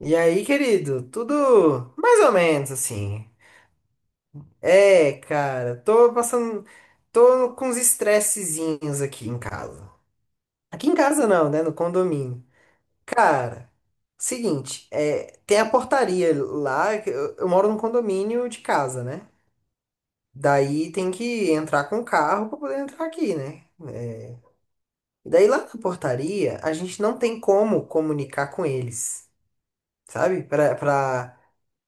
E aí, querido, tudo mais ou menos assim. É, cara, tô passando. Tô com uns estressezinhos aqui em casa. Aqui em casa não, né? No condomínio. Cara, seguinte, tem a portaria lá. Eu moro num condomínio de casa, né? Daí tem que entrar com o carro pra poder entrar aqui, né? É, e daí lá na portaria, a gente não tem como comunicar com eles, sabe?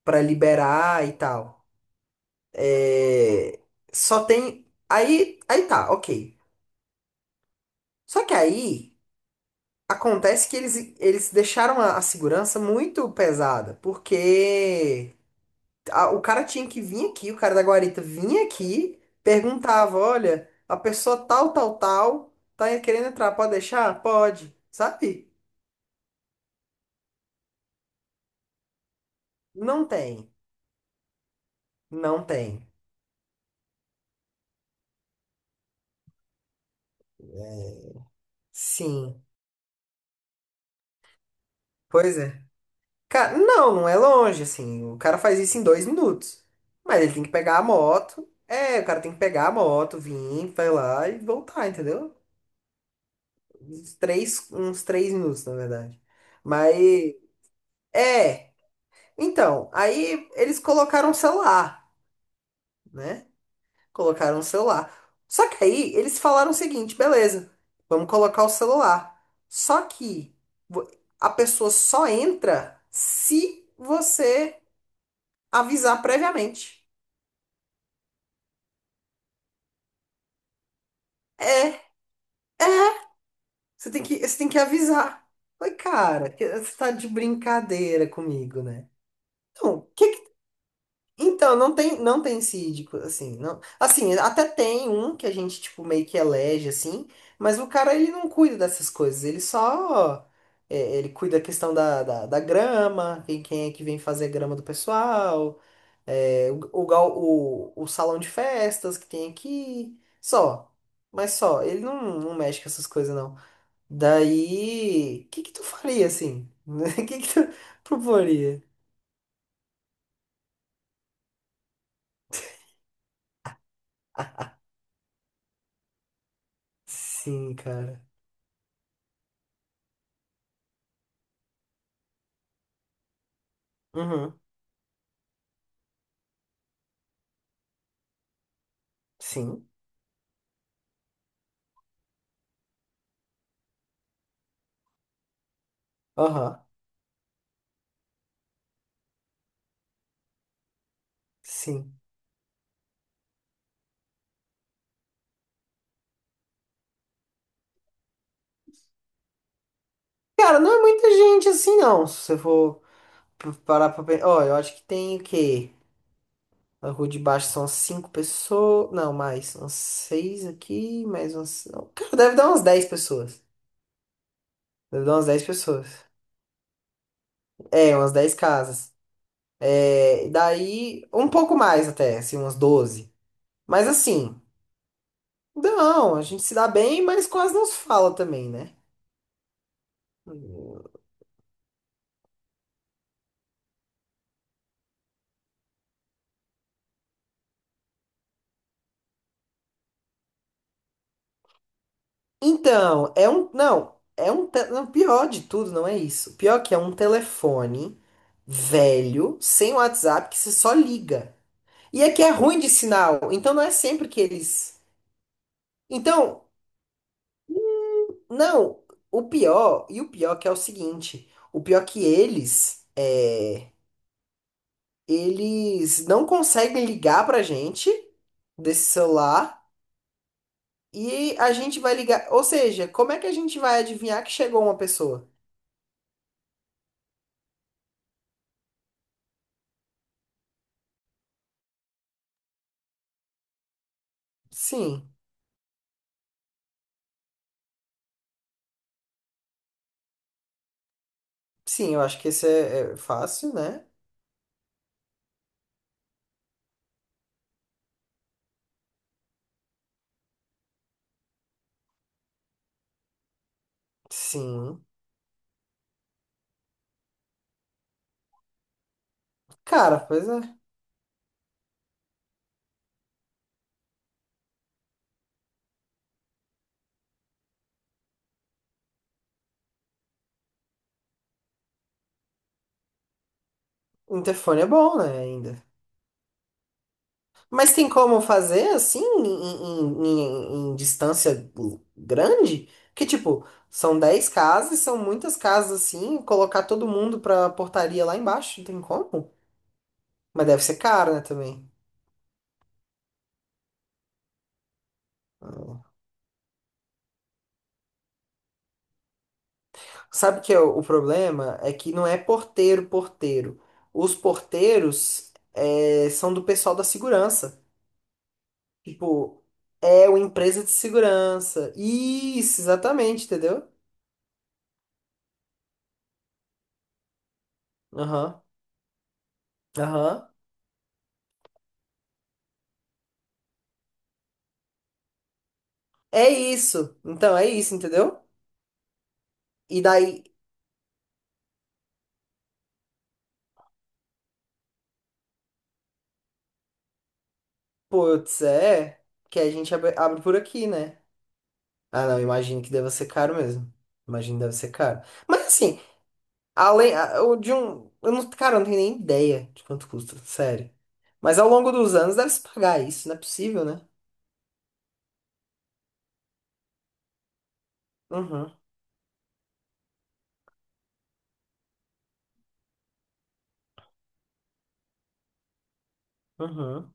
Pra liberar e tal. É, só tem. Aí tá, ok. Só que aí acontece que eles deixaram a segurança muito pesada, porque o cara tinha que vir aqui, o cara da guarita vinha aqui, perguntava: olha, a pessoa tal, tal, tal, tá querendo entrar, pode deixar? Pode, sabe? Não tem, não tem. Sim, pois é. Cara, não, não é longe, assim. O cara faz isso em 2 minutos. Mas ele tem que pegar a moto. É, o cara tem que pegar a moto, vir, vai lá e voltar, entendeu? Uns 3 minutos, na verdade. Mas, é. Então, aí eles colocaram o celular, né? Colocaram o celular. Só que aí eles falaram o seguinte: beleza, vamos colocar o celular. Só que vo- a pessoa só entra se você avisar previamente. É, você tem que avisar. Oi, cara, você tá de brincadeira comigo, né? Então, então não tem síndico, assim, não. Assim, até tem um que a gente tipo meio que elege assim, mas o cara ele não cuida dessas coisas, ele só ele cuida da questão da grama, quem é que vem fazer a grama do pessoal, é, o salão de festas que tem aqui, só. Mas só, ele não mexe com essas coisas, não. Daí, o que que tu faria assim? O que que tu proporia? Sim, cara. Uhum. Sim. Aham. Sim. Cara, não é muita gente assim, não. Se você for parar pra pensar. Ó, eu acho que tem o quê? Na rua de baixo são cinco pessoas. Não, mais. Uns seis aqui, mais uns. Cara, deve dar umas 10 pessoas. Deve dar umas dez pessoas. É, umas 10 casas. É, daí, um pouco mais até, assim, umas 12. Mas assim. Não, a gente se dá bem, mas quase não se fala também, né? Então, é um. Não, é um. Não, pior de tudo, não é isso. Pior que é um telefone velho, sem WhatsApp, que você só liga. E é que é ruim de sinal, então não é sempre que eles. Então, não, e o pior que é o seguinte: o pior que eles. É, eles não conseguem ligar pra gente desse celular. E a gente vai ligar. Ou seja, como é que a gente vai adivinhar que chegou uma pessoa? Sim, sim, eu acho que esse é fácil, né? Sim. Cara, pois é. Interfone é bom, né, ainda. Mas tem como fazer assim, em distância grande? Que tipo, são 10 casas, são muitas casas assim, colocar todo mundo pra portaria lá embaixo, não tem como? Mas deve ser caro, né, também. Ah. Sabe que é o problema? É que não é porteiro, porteiro. Os porteiros são do pessoal da segurança. Tipo, é uma empresa de segurança. Isso, exatamente, entendeu? Aham, aham. É isso. Então, é isso, entendeu? E daí, putz, é que a gente abre por aqui, né? Ah, não, imagino que deva ser caro mesmo. Imagino que deve ser caro. Mas assim, Além, a- o de um. Eu não, cara, eu não tenho nem ideia de quanto custa, sério. Mas ao longo dos anos deve se pagar isso, não é possível, né? Uhum, uhum.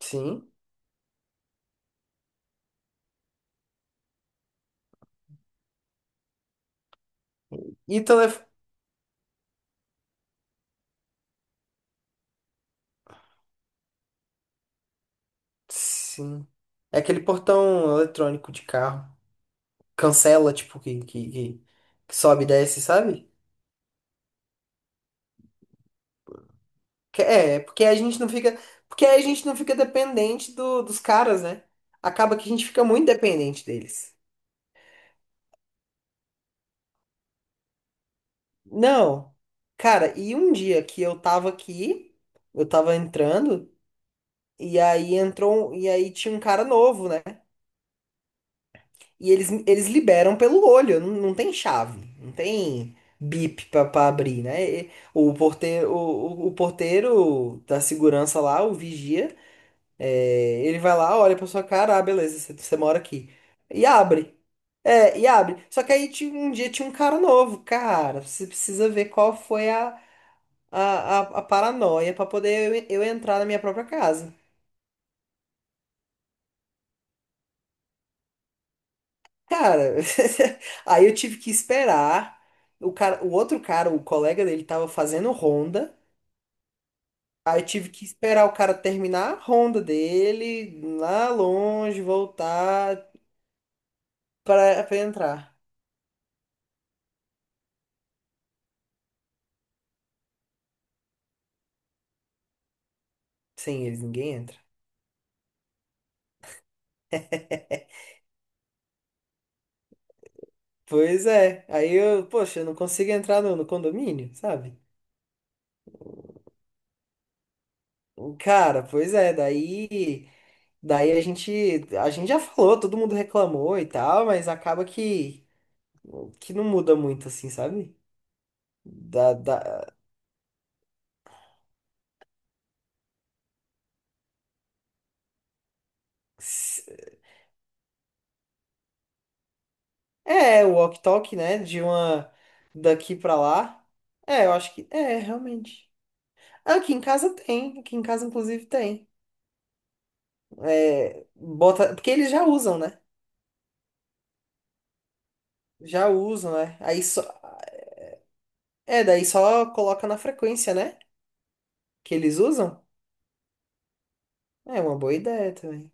Sim. E telefone. Sim. É aquele portão eletrônico de carro. Cancela, tipo, que sobe e desce, sabe? É, porque a gente não fica. Porque aí a gente não fica dependente dos caras, né? Acaba que a gente fica muito dependente deles. Não. Cara, e um dia que eu tava aqui, eu tava entrando. E aí entrou, e aí tinha um cara novo, né? E eles liberam pelo olho, não, não tem chave, não tem bip pra abrir, né? E o porteiro, o porteiro da segurança lá, o vigia, é, ele vai lá, olha pra sua cara, ah, beleza, você mora aqui. E abre. É, e abre. Só que aí um dia tinha um cara novo, cara, você precisa ver qual foi a paranoia pra poder eu entrar na minha própria casa. Cara, aí eu tive que esperar. O outro cara, o colega dele, tava fazendo ronda. Aí eu tive que esperar o cara terminar a ronda dele, lá longe, voltar pra entrar. Sem eles, ninguém entra. Pois é. Aí eu, poxa, eu não consigo entrar no condomínio, sabe? Cara, pois é. Daí a gente, já falou, todo mundo reclamou e tal, mas acaba que não muda muito, assim, sabe? da da, É, o walk-talk, né? De uma daqui pra lá. É, eu acho que. É, realmente. Ah, aqui em casa tem. Aqui em casa, inclusive, tem. É, bota. Porque eles já usam, né? Já usam, né? Aí só. É, daí só coloca na frequência, né? Que eles usam. É uma boa ideia também.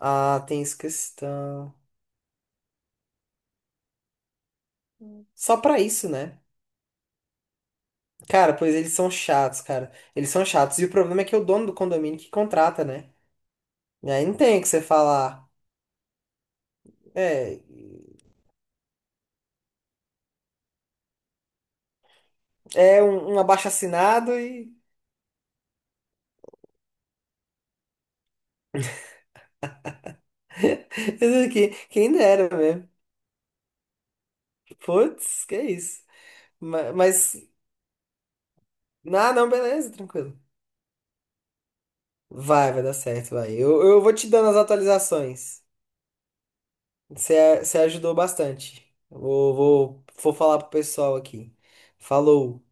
Ah, tem essa questão. Só pra isso, né? Cara, pois eles são chatos, cara. Eles são chatos. E o problema é que é o dono do condomínio que contrata, né? E aí não tem o que você falar. É. É um, abaixo-assinado e quem dera mesmo. Putz, que isso. Mas, ah, não, beleza, tranquilo. Vai dar certo, vai. Eu vou te dando as atualizações. Você ajudou bastante. Vou falar pro pessoal aqui. Falou.